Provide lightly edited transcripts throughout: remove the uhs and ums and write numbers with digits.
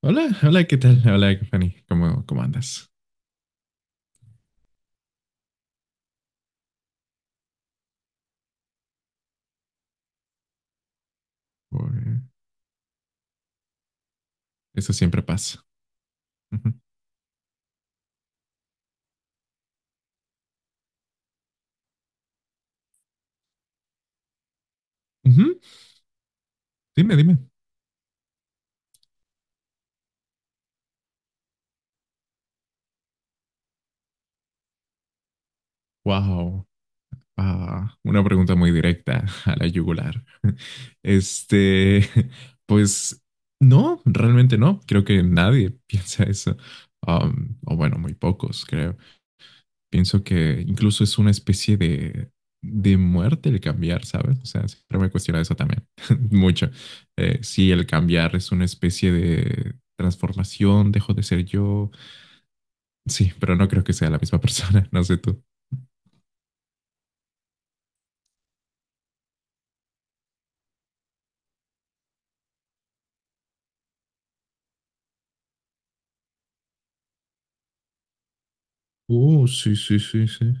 Hola, hola, ¿qué tal? Hola, Fanny, ¿cómo andas? Oh, eso siempre pasa. Ujú. Ujú. Dime, dime. Wow. Ah, una pregunta muy directa a la yugular. Este, pues no, realmente no. Creo que nadie piensa eso. O bueno, muy pocos, creo. Pienso que incluso es una especie de muerte el cambiar, ¿sabes? O sea, siempre me he cuestionado eso también, mucho. Si el cambiar es una especie de transformación, dejo de ser yo. Sí, pero no creo que sea la misma persona, no sé tú. Oh, sí, sí, sí, sí.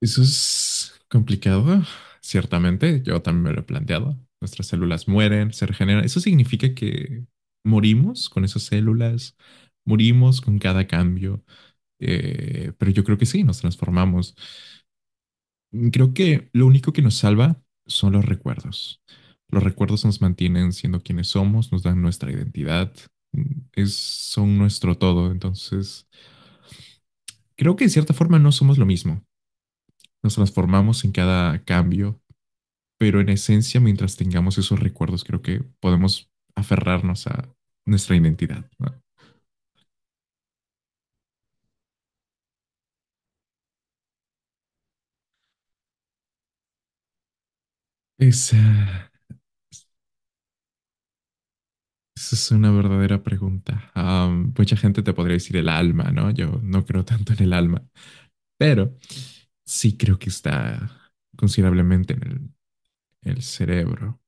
Eso es complicado, ciertamente. Yo también me lo he planteado. Nuestras células mueren, se regeneran. Eso significa que morimos con esas células, morimos con cada cambio. Pero yo creo que sí, nos transformamos. Creo que lo único que nos salva son los recuerdos. Los recuerdos nos mantienen siendo quienes somos, nos dan nuestra identidad, es, son nuestro todo. Entonces, creo que de cierta forma no somos lo mismo. Nos transformamos en cada cambio, pero en esencia, mientras tengamos esos recuerdos, creo que podemos aferrarnos a nuestra identidad, ¿no? Esa, esa es una verdadera pregunta. Am, mucha gente te podría decir el alma, ¿no? Yo no creo tanto en el alma, pero sí creo que está considerablemente en el cerebro.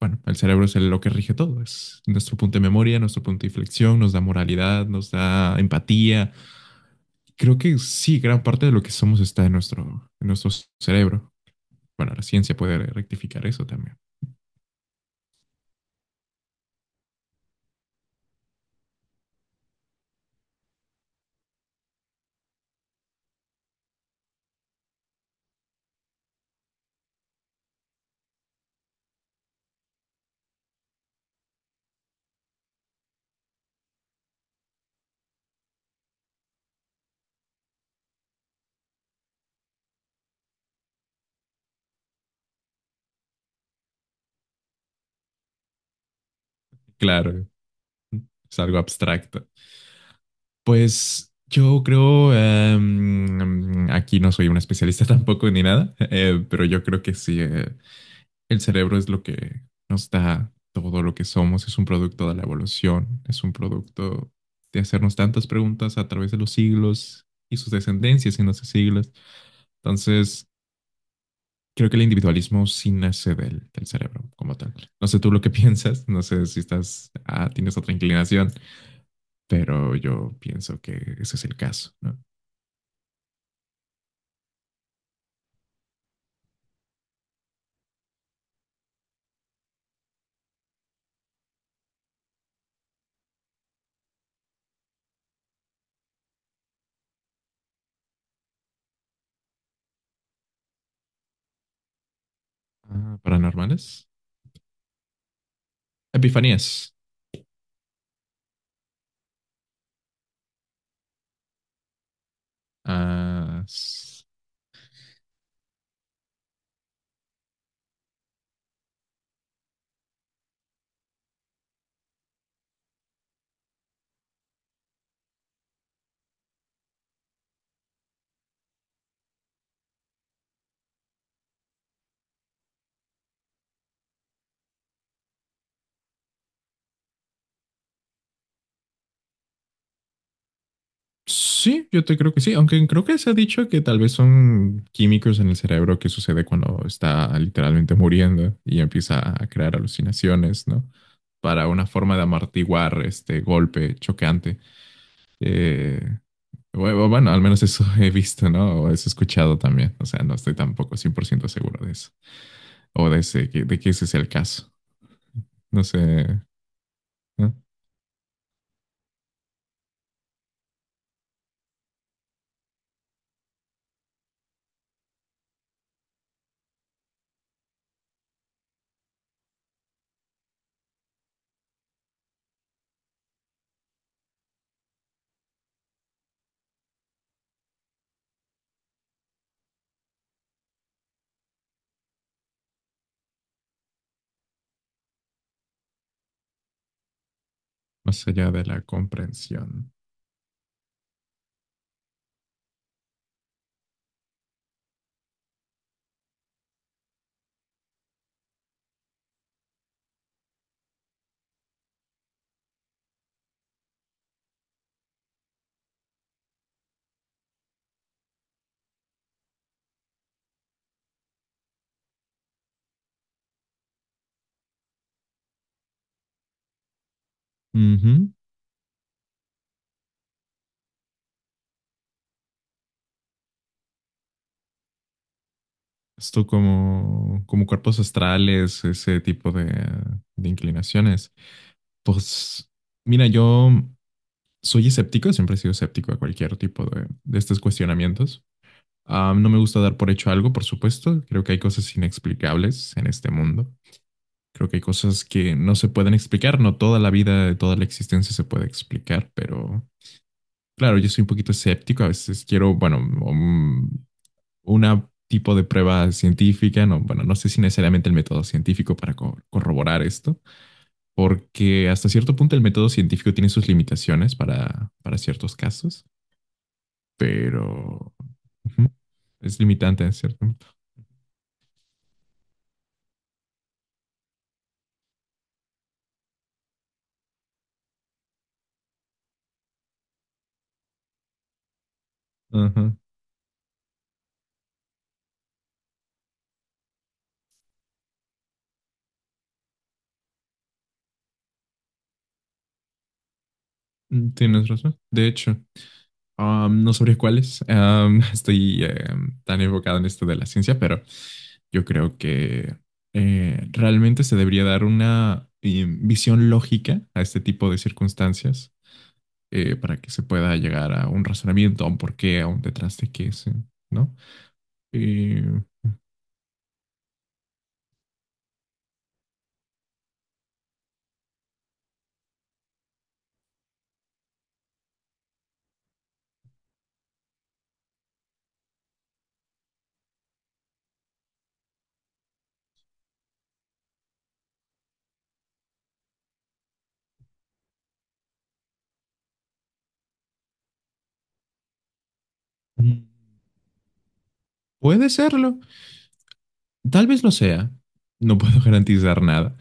Bueno, el cerebro es el- lo que rige todo, es nuestro punto de memoria, nuestro punto de inflexión, nos da moralidad, nos da empatía. Creo que sí, gran parte de lo que somos está en nuestro cerebro. Bueno, la ciencia puede rectificar eso también. Claro, es algo abstracto. Pues yo creo, aquí no soy un especialista tampoco ni nada, pero yo creo que sí. El cerebro es lo que nos da todo lo que somos, es un producto de la evolución, es un producto de hacernos tantas preguntas a través de los siglos y sus descendencias en los siglos. Entonces, creo que el individualismo sí nace del cerebro como tal. No sé tú lo que piensas, no sé si estás, ah, tienes otra inclinación, pero yo pienso que ese es el caso, ¿no? Ah, paranormales. Epifanías. Ah, sí, yo te creo que sí, aunque creo que se ha dicho que tal vez son químicos en el cerebro que sucede cuando está literalmente muriendo y empieza a crear alucinaciones, ¿no? Para una forma de amortiguar este golpe choqueante. Eh, bueno, bueno, al menos eso he visto, ¿no? O eso he escuchado también. O sea, no estoy tampoco 100% seguro de eso. O de, ese, de que ese es el caso. No sé, ¿no? Más allá de la comprensión. Esto como, como cuerpos astrales, ese tipo de inclinaciones. Pues mira, yo soy escéptico, siempre he sido escéptico a cualquier tipo de estos cuestionamientos. Ah, no me gusta dar por hecho algo, por supuesto. Creo que hay cosas inexplicables en este mundo. Creo que hay cosas que no se pueden explicar. No toda la vida, toda la existencia se puede explicar, pero claro, yo soy un poquito escéptico. A veces quiero, bueno, una tipo de prueba científica, no, bueno, no sé si necesariamente el método científico para co- corroborar esto, porque hasta cierto punto el método científico tiene sus limitaciones para ciertos casos, pero ujú, es limitante en cierto punto. Ajá, tienes razón. De hecho, no sabría cuáles. Am, estoy tan enfocado en esto de la ciencia, pero yo creo que realmente se debería dar una visión lógica a este tipo de circunstancias para que se pueda llegar a un razonamiento, a un porqué, a un detrás de qué, se- ¿no? Eh, puede serlo, tal vez lo sea, no puedo garantizar nada.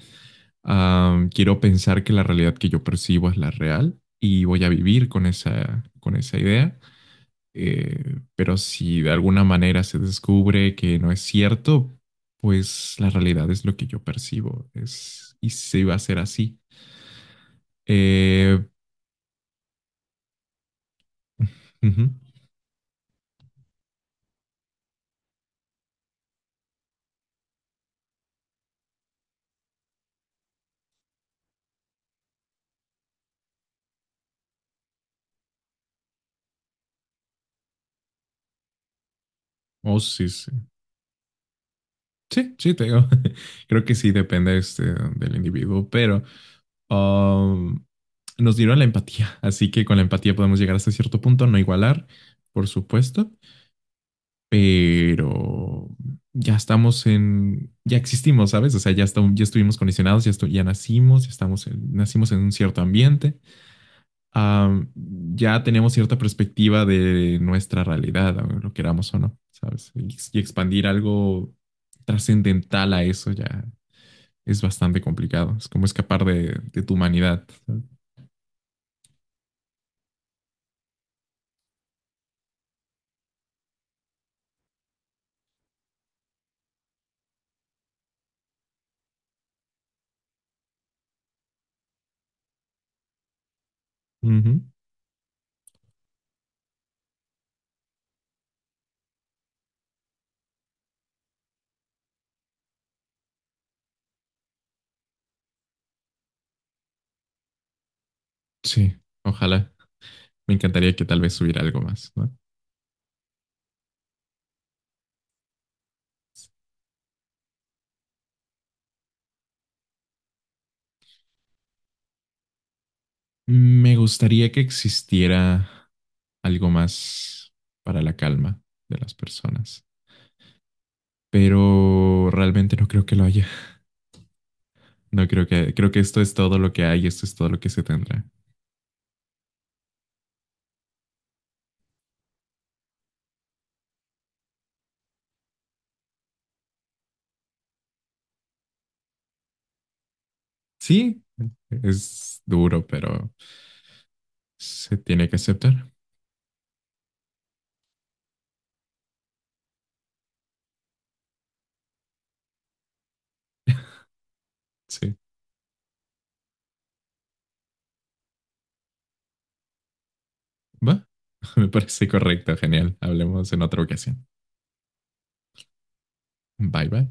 Ah, quiero pensar que la realidad que yo percibo es la real y voy a vivir con esa idea. Pero si de alguna manera se descubre que no es cierto, pues la realidad es lo que yo percibo. Es, y se va a ser así. Eh, ujú. Oh, sí, sí. Sí, sí, te digo. Creo que sí depende este, del individuo, pero um, nos dieron la empatía, así que con la empatía podemos llegar hasta cierto punto, no igualar, por supuesto, pero ya estamos en, ya existimos, ¿sabes? O sea, ya, estamos, ya estuvimos condicionados, ya, estu- ya nacimos, ya estamos en- nacimos en un cierto ambiente, am, ya tenemos cierta perspectiva de nuestra realidad, lo queramos o no, ¿sabes? Y expandir algo trascendental a eso ya es bastante complicado. Es como escapar de tu humanidad. Ujú. Sí, ojalá. Me encantaría que tal vez hubiera algo más, ¿no? Me gustaría que existiera algo más para la calma de las personas, pero realmente no creo que lo haya. No creo que, creo que esto es todo lo que hay, esto es todo lo que se tendrá. Sí, es duro, pero se tiene que aceptar. Sí, va. Me parece correcto, genial. Hablemos en otra ocasión. Bye bye.